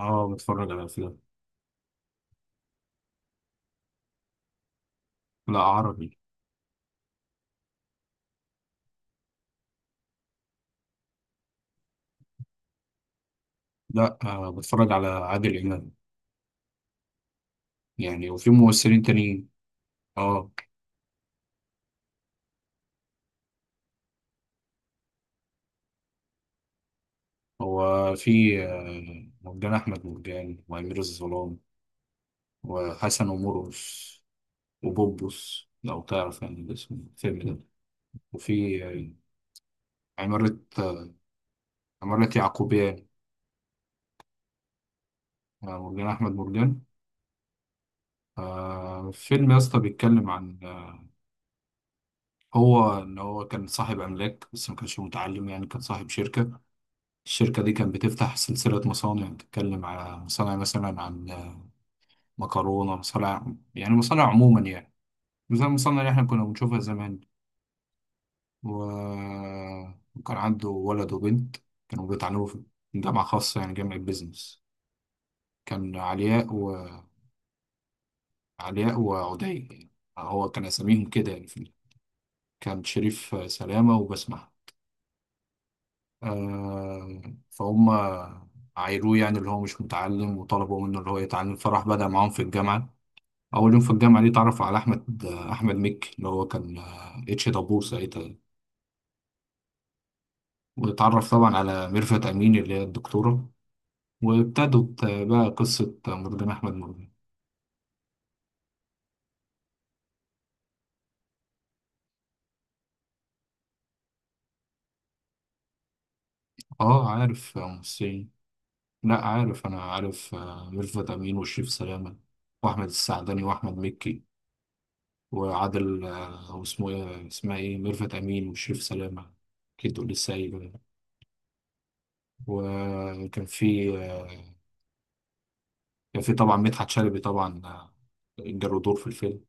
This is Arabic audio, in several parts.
اه، بتفرج على افلام. لا، عربي. لا بتفرج على عادل امام، يعني وفي ممثلين تانيين. اه، هو في مرجان احمد مرجان، وامير الظلام، وحسن ومرقص، وبوبوس لو تعرف يعني اسم الفيلم ده. وفي عمارة عمارة يعقوبيان. مرجان احمد مرجان. فيلم يا اسطى، بيتكلم عن هو ان هو كان صاحب املاك بس ما كانش متعلم، يعني كان صاحب شركة. الشركة دي كانت بتفتح سلسلة مصانع، بتتكلم على مصانع مثلا عن مكرونة، مصانع، يعني مصانع عموما يعني، زي المصانع اللي احنا كنا بنشوفها زمان. و- وكان عنده ولد وبنت، كانوا بيتعلموا في جامعة خاصة يعني جامعة بيزنس. كان علياء وعلياء وعدي يعني، هو كان أساميهم كده يعني كان شريف سلامة وبسمة. آه، فهم عايروه يعني اللي هو مش متعلم، وطلبوا منه اللي هو يتعلم، فراح بدأ معاهم في الجامعة. اول يوم في الجامعه دي اتعرف على احمد مكي اللي هو كان اتش دبور ساعتها. واتعرف طبعا على ميرفت امين اللي هي الدكتوره. وابتدت بقى قصه مرجان احمد مرجان. اه عارف ممثلين. لا عارف، انا عارف ميرفت امين وشريف سلامه، واحمد السعدني واحمد مكي. وعادل واسمه ايه اسمها ايه، ميرفت امين وشريف سلامه. اكيد تقول لي سايب. وكان في كان في طبعا مدحت شلبي طبعا، جاله دور في الفيلم.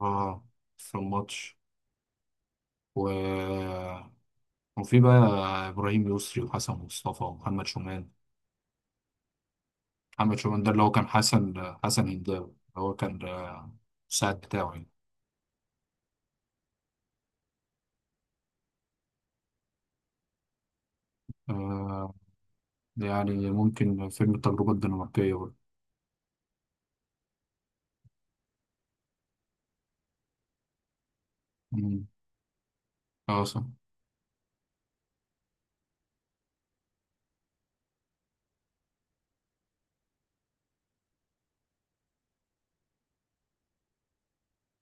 اه، في الماتش. و... وفي بقى ابراهيم يسري وحسن مصطفى ومحمد شومان. محمد شومان ده اللي هو كان حسن، حسن هنداوي، اللي هو كان المساعد بتاعه يعني. آه، يعني ممكن فيلم التجربة الدنماركية برضه. مم. اه صح.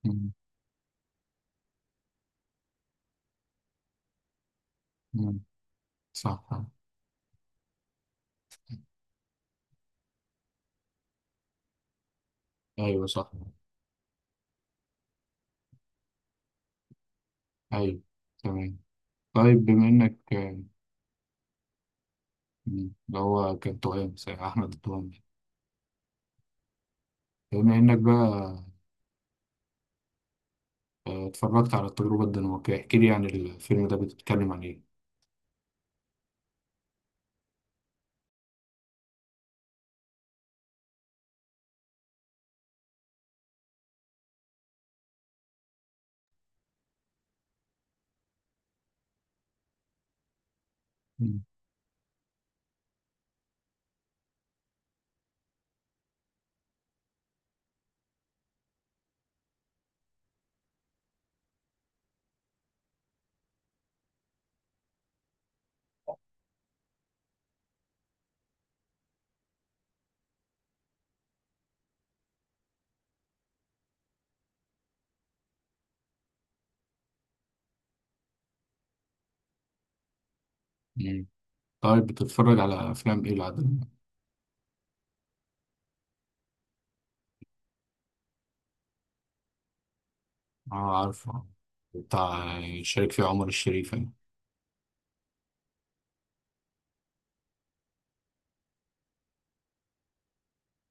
مم. مم. صح صح. ايوه صح. ايوه، تمام. طيب، بما انك مم، اللي هو كان توأم زي احمد التوأم. بما انك بقى اتفرجت على التجربة الدنماركية، احكي لي عن الفيلم ده بتتكلم عن ايه. مم. مم. طيب، بتتفرج على افلام ايه العدل. اه، عارفه، بتاع شارك فيه عمر الشريف يعني.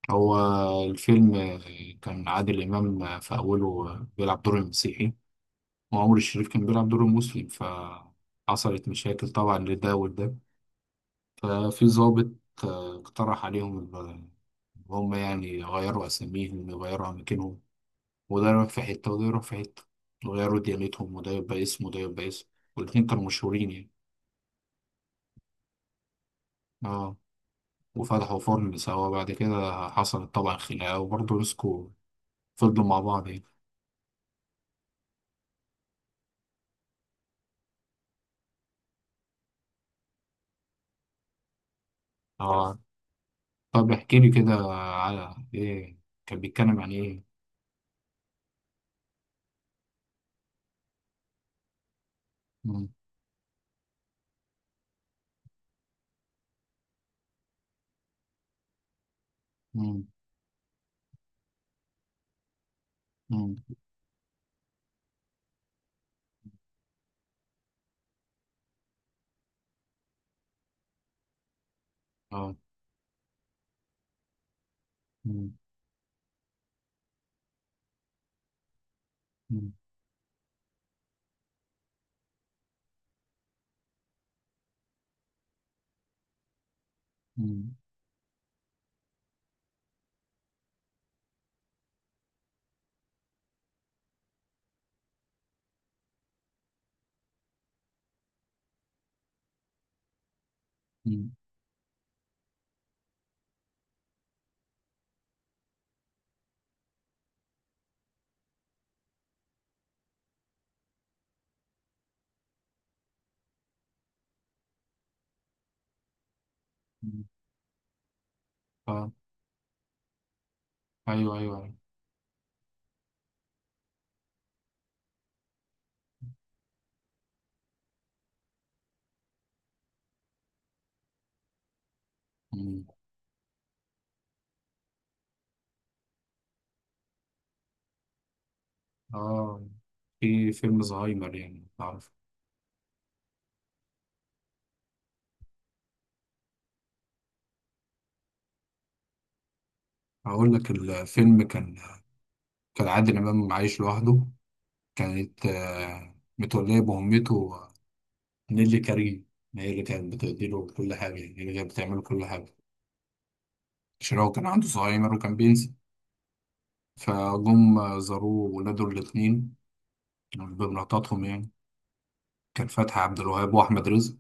هو الفيلم كان عادل امام في اوله بيلعب دور المسيحي، وعمر الشريف كان بيلعب دور المسلم، فحصلت مشاكل طبعا لده ولده. ففي ضابط اقترح عليهم هم يعني يغيروا أساميهم، يغيروا أماكنهم، وده يروح في حتة وده يروح في حتة، وغيروا ديانتهم، وده يبقى اسم وده يبقى اسم، والاتنين كانوا مشهورين يعني. اه. وفتحوا فرن سوا، بعد كده حصلت طبعا خناقة وبرضه مسكوا، فضلوا مع بعض يعني. اه. طب احكي لي كده على ايه، كان بيتكلم عن ايه. مم، مم، مم، اه. مم، مم، مم، مم، مم. اه، ايوه ايوه أيوة. مم. اه، في فيلم زهايمر يعني تعرف. اقول لك الفيلم كان، كان عادل امام عايش لوحده، كانت متولية بأمته نيلي كريم، هي اللي كانت بتديله كل حاجة، يعني هي اللي كانت بتعمله كل حاجة عشان هو كان عنده زهايمر وكان بينسى. فجم زاروه ولاده الاتنين يعني بمراتاتهم يعني. كان فتحي عبد الوهاب وأحمد رزق،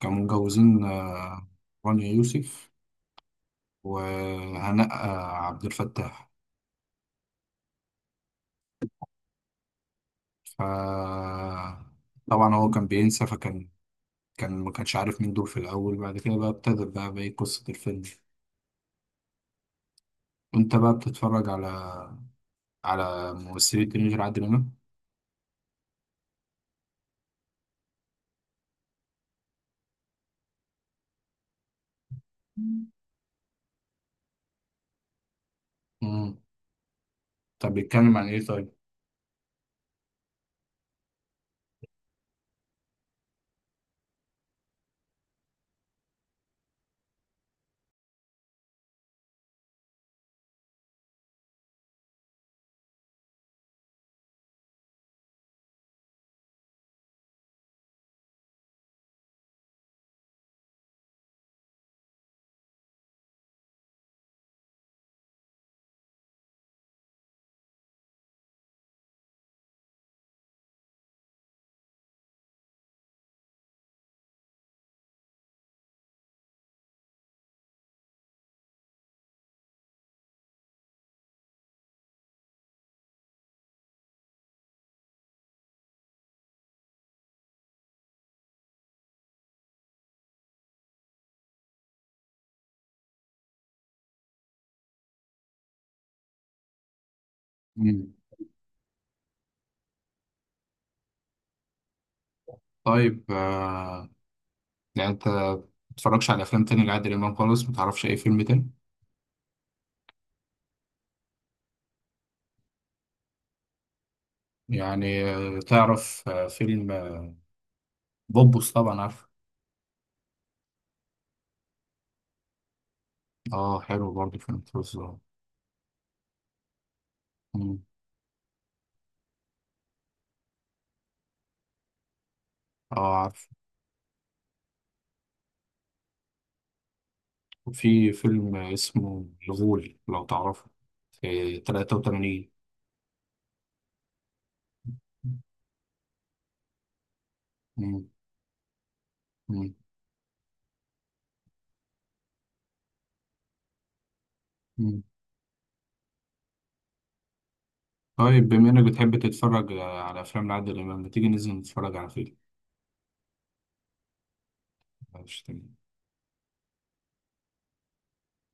كانوا متجوزين رانيا يوسف، وهناء عبد الفتاح. ف طبعا هو كان بينسى، فكان كان ما كانش عارف مين دول في الأول. بعد كده بقى ابتدت بقى قصة الفيلم، وانت بقى بتتفرج على ممثلة تينيجر عادل إمام. مم. طب بيتكلم عن إيه طيب؟ مم. طيب يعني أنت متتفرجش على أفلام تاني لعادل إمام خالص، متعرفش أي فيلم تاني؟ يعني تعرف فيلم بوبوس طبعا عارف. آه، حلو برضه فيلم بوبوس ده. مم. آه عارف. وفي فيلم اسمه الغول لو تعرفه، في 83. مم. مم. مم. طيب، بما إنك بتحب تتفرج على أفلام لعادل إمام، ما تيجي ننزل نتفرج على فيلم. معرفش تاني.